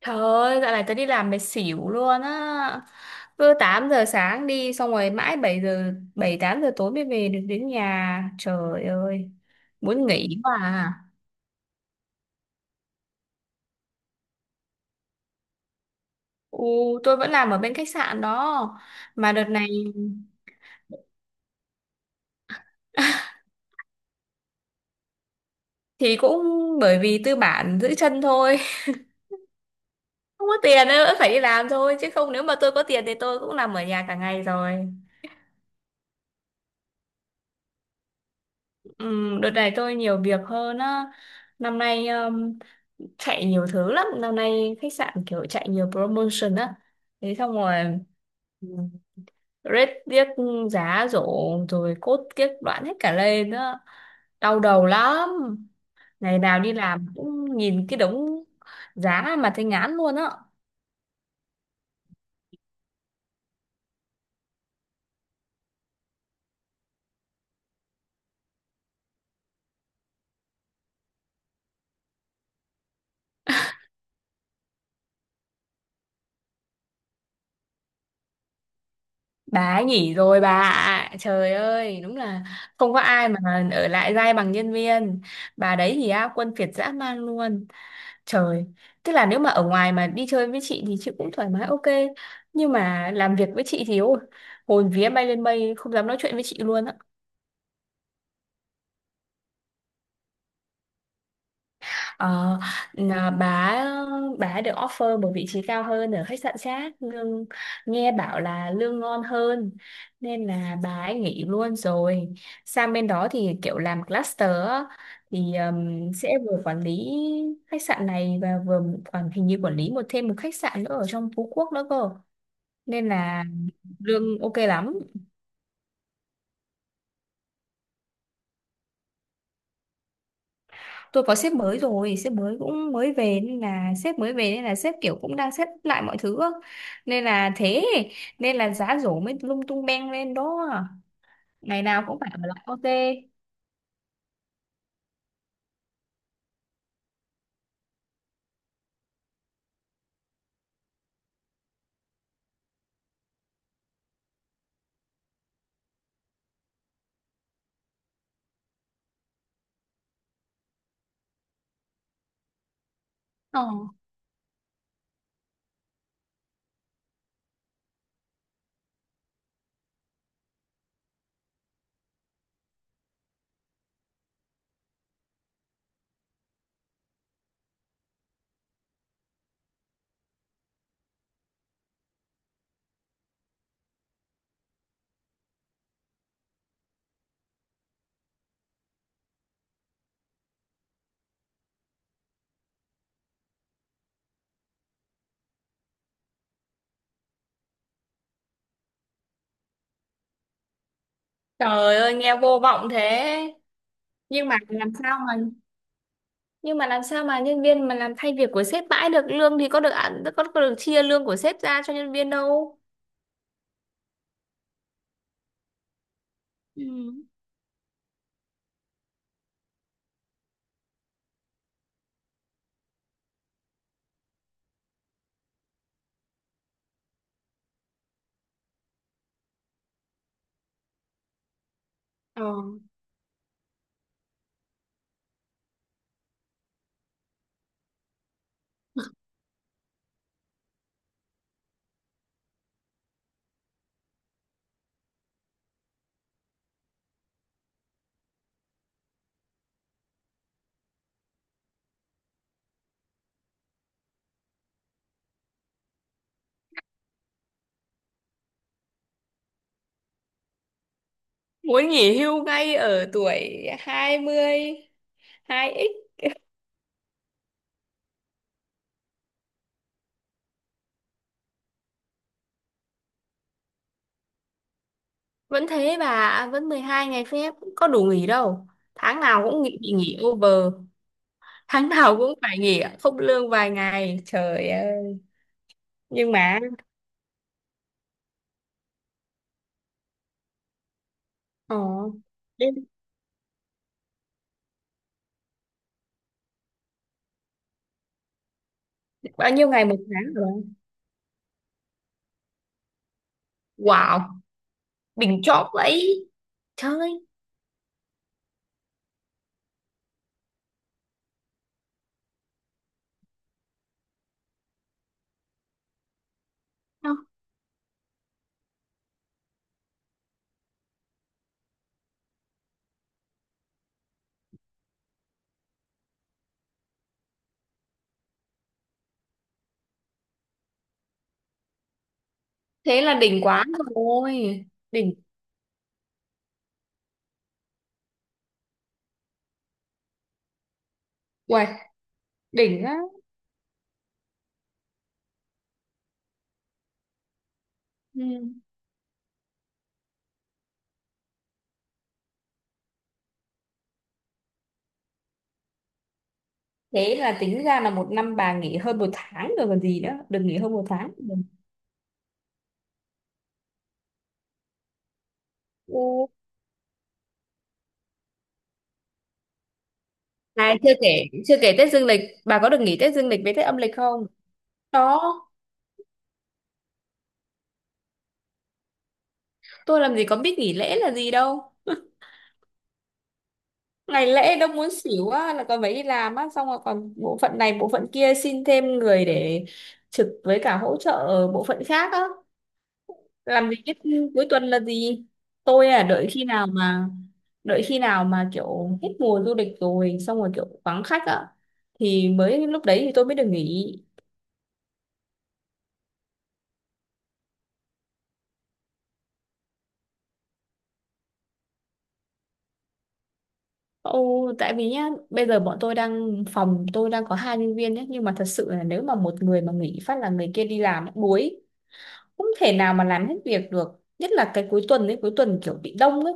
Trời ơi, dạo này tớ đi làm mệt xỉu luôn á. Cứ 8 giờ sáng đi, xong rồi mãi 7 8 giờ tối mới về được đến nhà. Trời ơi, muốn nghỉ quá à. Ừ, tôi vẫn làm ở bên khách sạn đó. Mà đợt này thì cũng bởi vì tư bản giữ chân thôi. Không có tiền nên vẫn phải đi làm thôi, chứ không, nếu mà tôi có tiền thì tôi cũng làm ở nhà cả ngày rồi. Ừ, đợt này tôi nhiều việc hơn á. Năm nay chạy nhiều thứ lắm, năm nay khách sạn kiểu chạy nhiều promotion á, thế xong rồi ừ, rate tiếc, giá rổ rồi cốt kiếp đoạn hết cả lên nữa, đau đầu lắm. Ngày nào đi làm cũng nhìn cái đống giá mà thấy ngán luôn á. Bà ấy nghỉ rồi bà ạ. Trời ơi, đúng là không có ai mà ở lại dai bằng nhân viên. Bà đấy thì á quân kiệt dã man luôn. Trời, tức là nếu mà ở ngoài mà đi chơi với chị thì chị cũng thoải mái, ok. Nhưng mà làm việc với chị thì ôi, hồn vía bay lên mây, không dám nói chuyện với chị luôn á. Ờ, là bà được offer một vị trí cao hơn ở khách sạn khác, lương nghe bảo là lương ngon hơn, nên là bà ấy nghỉ luôn rồi. Sang bên đó thì kiểu làm cluster á, thì sẽ vừa quản lý khách sạn này và vừa hình như quản lý thêm một khách sạn nữa ở trong Phú Quốc nữa cơ, nên là lương ok lắm. Tôi có sếp mới rồi, sếp mới cũng mới về, nên là sếp mới về, nên là sếp kiểu cũng đang xếp lại mọi thứ á. Nên là thế, nên là giá rổ mới lung tung beng lên đó, ngày nào cũng phải ở lại OT. Ờ. Trời ơi nghe vô vọng thế. nhưng mà làm sao mà nhưng mà làm sao mà nhân viên mà làm thay việc của sếp mãi được? Lương thì có được ăn, có được chia lương của sếp ra cho nhân viên đâu. Ừ. Ờ. Muốn nghỉ hưu ngay ở tuổi 22 x. Vẫn thế bà ạ, vẫn 12 ngày phép, có đủ nghỉ đâu. Tháng nào cũng nghỉ, bị nghỉ over, tháng nào cũng phải nghỉ không lương vài ngày. Trời ơi, nhưng mà ờ, đến bao nhiêu ngày một tháng rồi? Wow, đỉnh chóp vậy. Trời ơi, không, thế là đỉnh quá rồi. Đỉnh, uầy, đỉnh á. Ừ. Thế là tính ra là một năm bà nghỉ hơn một tháng rồi còn gì nữa, được nghỉ hơn một tháng. Ừ. Này, chưa kể Tết dương lịch, bà có được nghỉ Tết dương lịch với Tết âm lịch không? Đó, tôi làm gì có biết nghỉ lễ là gì đâu. Ngày lễ đâu muốn xỉu á, là còn phải đi làm á, xong rồi còn bộ phận này, bộ phận kia xin thêm người để trực với cả hỗ trợ ở bộ phận khác á. Làm gì biết cuối tuần là gì. Tôi à, đợi khi nào mà kiểu hết mùa du lịch rồi, xong rồi kiểu vắng khách á, thì mới lúc đấy thì tôi mới được nghỉ. Ồ, tại vì nhá, bây giờ bọn tôi đang phòng tôi đang có hai nhân viên nhé, nhưng mà thật sự là nếu mà một người mà nghỉ phát là người kia đi làm buổi, không thể nào mà làm hết việc được, nhất là cái cuối tuần ấy, cuối tuần kiểu bị đông ấy,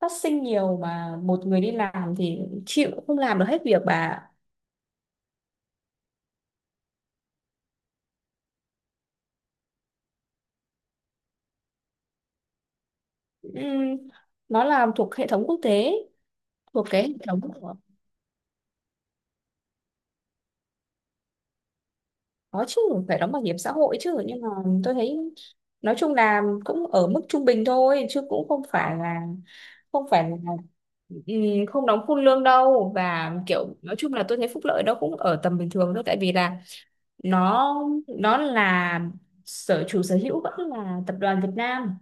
phát sinh nhiều mà một người đi làm thì chịu không làm được hết việc bà. Ừm, nó làm thuộc hệ thống quốc tế, thuộc cái hệ thống của. Có chứ, phải đóng bảo hiểm xã hội chứ, nhưng mà tôi thấy nói chung là cũng ở mức trung bình thôi, chứ cũng không phải là, không phải là không đóng full lương đâu. Và kiểu nói chung là tôi thấy phúc lợi nó cũng ở tầm bình thường thôi, tại vì là nó nó là chủ sở hữu vẫn là tập đoàn Việt Nam.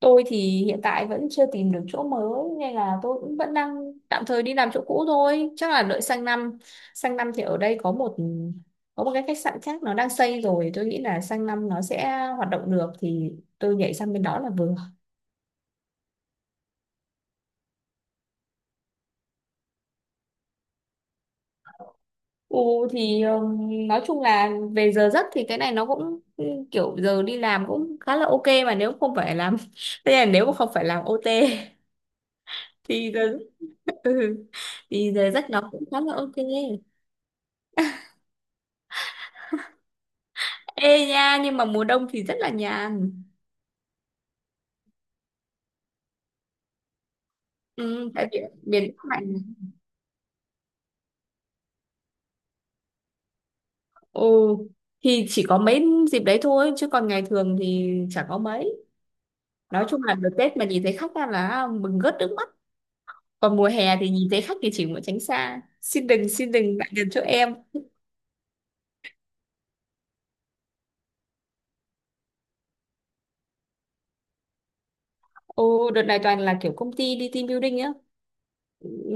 Tôi thì hiện tại vẫn chưa tìm được chỗ mới, nên là tôi cũng vẫn đang tạm thời đi làm chỗ cũ thôi, chắc là đợi sang năm, sang năm thì ở đây có một, cái khách sạn khác nó đang xây rồi, tôi nghĩ là sang năm nó sẽ hoạt động được thì tôi nhảy sang bên đó là vừa. Ừ, thì nói chung là về giờ giấc thì cái này nó cũng ừ, kiểu giờ đi làm cũng khá là ok, mà nếu không phải làm thế là nếu mà không phải làm OT thì giờ ừ. Thì giờ giấc nó cũng khá là ok. Ê nha, nhưng mà mùa đông thì rất là nhàn. Ừ, tại vì miền Bắc lạnh. Ồ, thì chỉ có mấy dịp đấy thôi chứ còn ngày thường thì chả có mấy. Nói chung là đợt Tết mà nhìn thấy khách ra là mừng rớt nước mắt, còn mùa hè thì nhìn thấy khách thì chỉ muốn tránh xa, xin đừng, xin đừng lại gần chỗ em. Ồ, đợt này toàn là kiểu công ty đi team building á,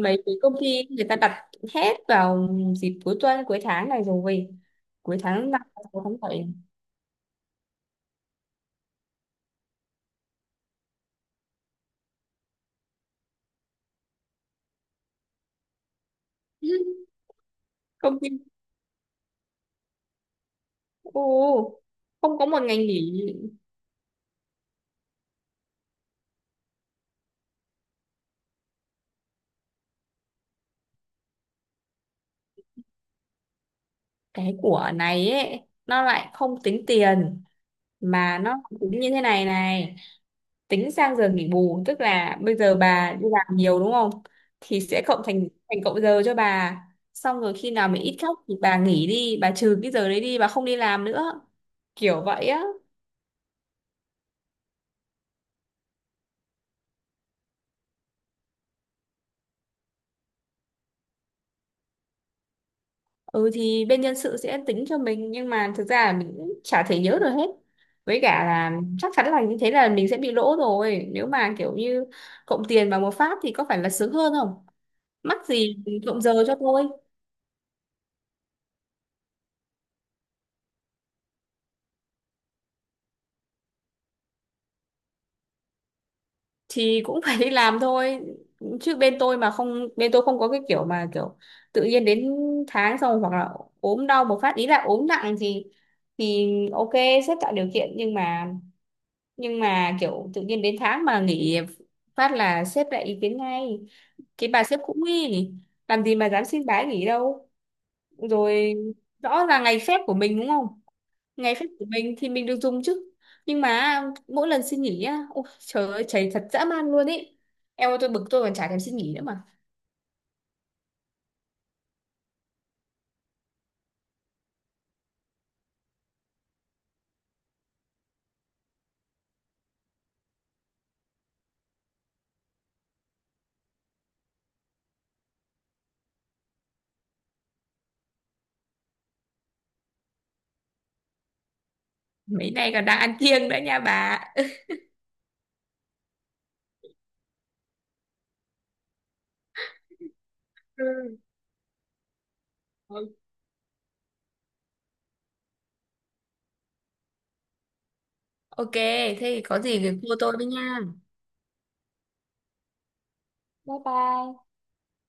mấy cái công ty người ta đặt hết vào dịp cuối tuần, cuối tháng này rồi, cuối tháng 5, cuối tháng 7. Công ty. Ô, không có một ngày nghỉ. Cái của này ấy nó lại không tính tiền, mà nó tính như thế này này, tính sang giờ nghỉ bù. Tức là bây giờ bà đi làm nhiều đúng không, thì sẽ cộng thành thành cộng giờ cho bà, xong rồi khi nào mà ít khóc thì bà nghỉ đi, bà trừ cái giờ đấy đi, bà không đi làm nữa, kiểu vậy á. Ừ, thì bên nhân sự sẽ tính cho mình, nhưng mà thực ra là mình cũng chả thể nhớ được hết, với cả là chắc chắn là như thế là mình sẽ bị lỗ rồi, nếu mà kiểu như cộng tiền vào một phát thì có phải là sướng hơn không? Mắc gì cộng giờ cho tôi. Thì cũng phải đi làm thôi, chứ bên tôi không có cái kiểu mà kiểu tự nhiên đến tháng, xong hoặc là ốm đau một phát, ý là ốm nặng thì ok, sếp tạo điều kiện, nhưng mà kiểu tự nhiên đến tháng mà nghỉ phát là sếp lại ý kiến ngay. Cái bà sếp cũng nghi, làm gì mà dám xin bái nghỉ đâu. Rồi, rõ là ngày phép của mình đúng không, ngày phép của mình thì mình được dùng chứ, nhưng mà mỗi lần xin nghỉ á, ôi trời ơi, chảy thật dã man luôn ý. Em ơi, tôi bực tôi còn chả thèm xin nghỉ nữa mà. Mấy nay còn đang ăn kiêng nữa nha bà. Ừ. Ok, thế thì có gì thì cô tôi với nha. Bye bye.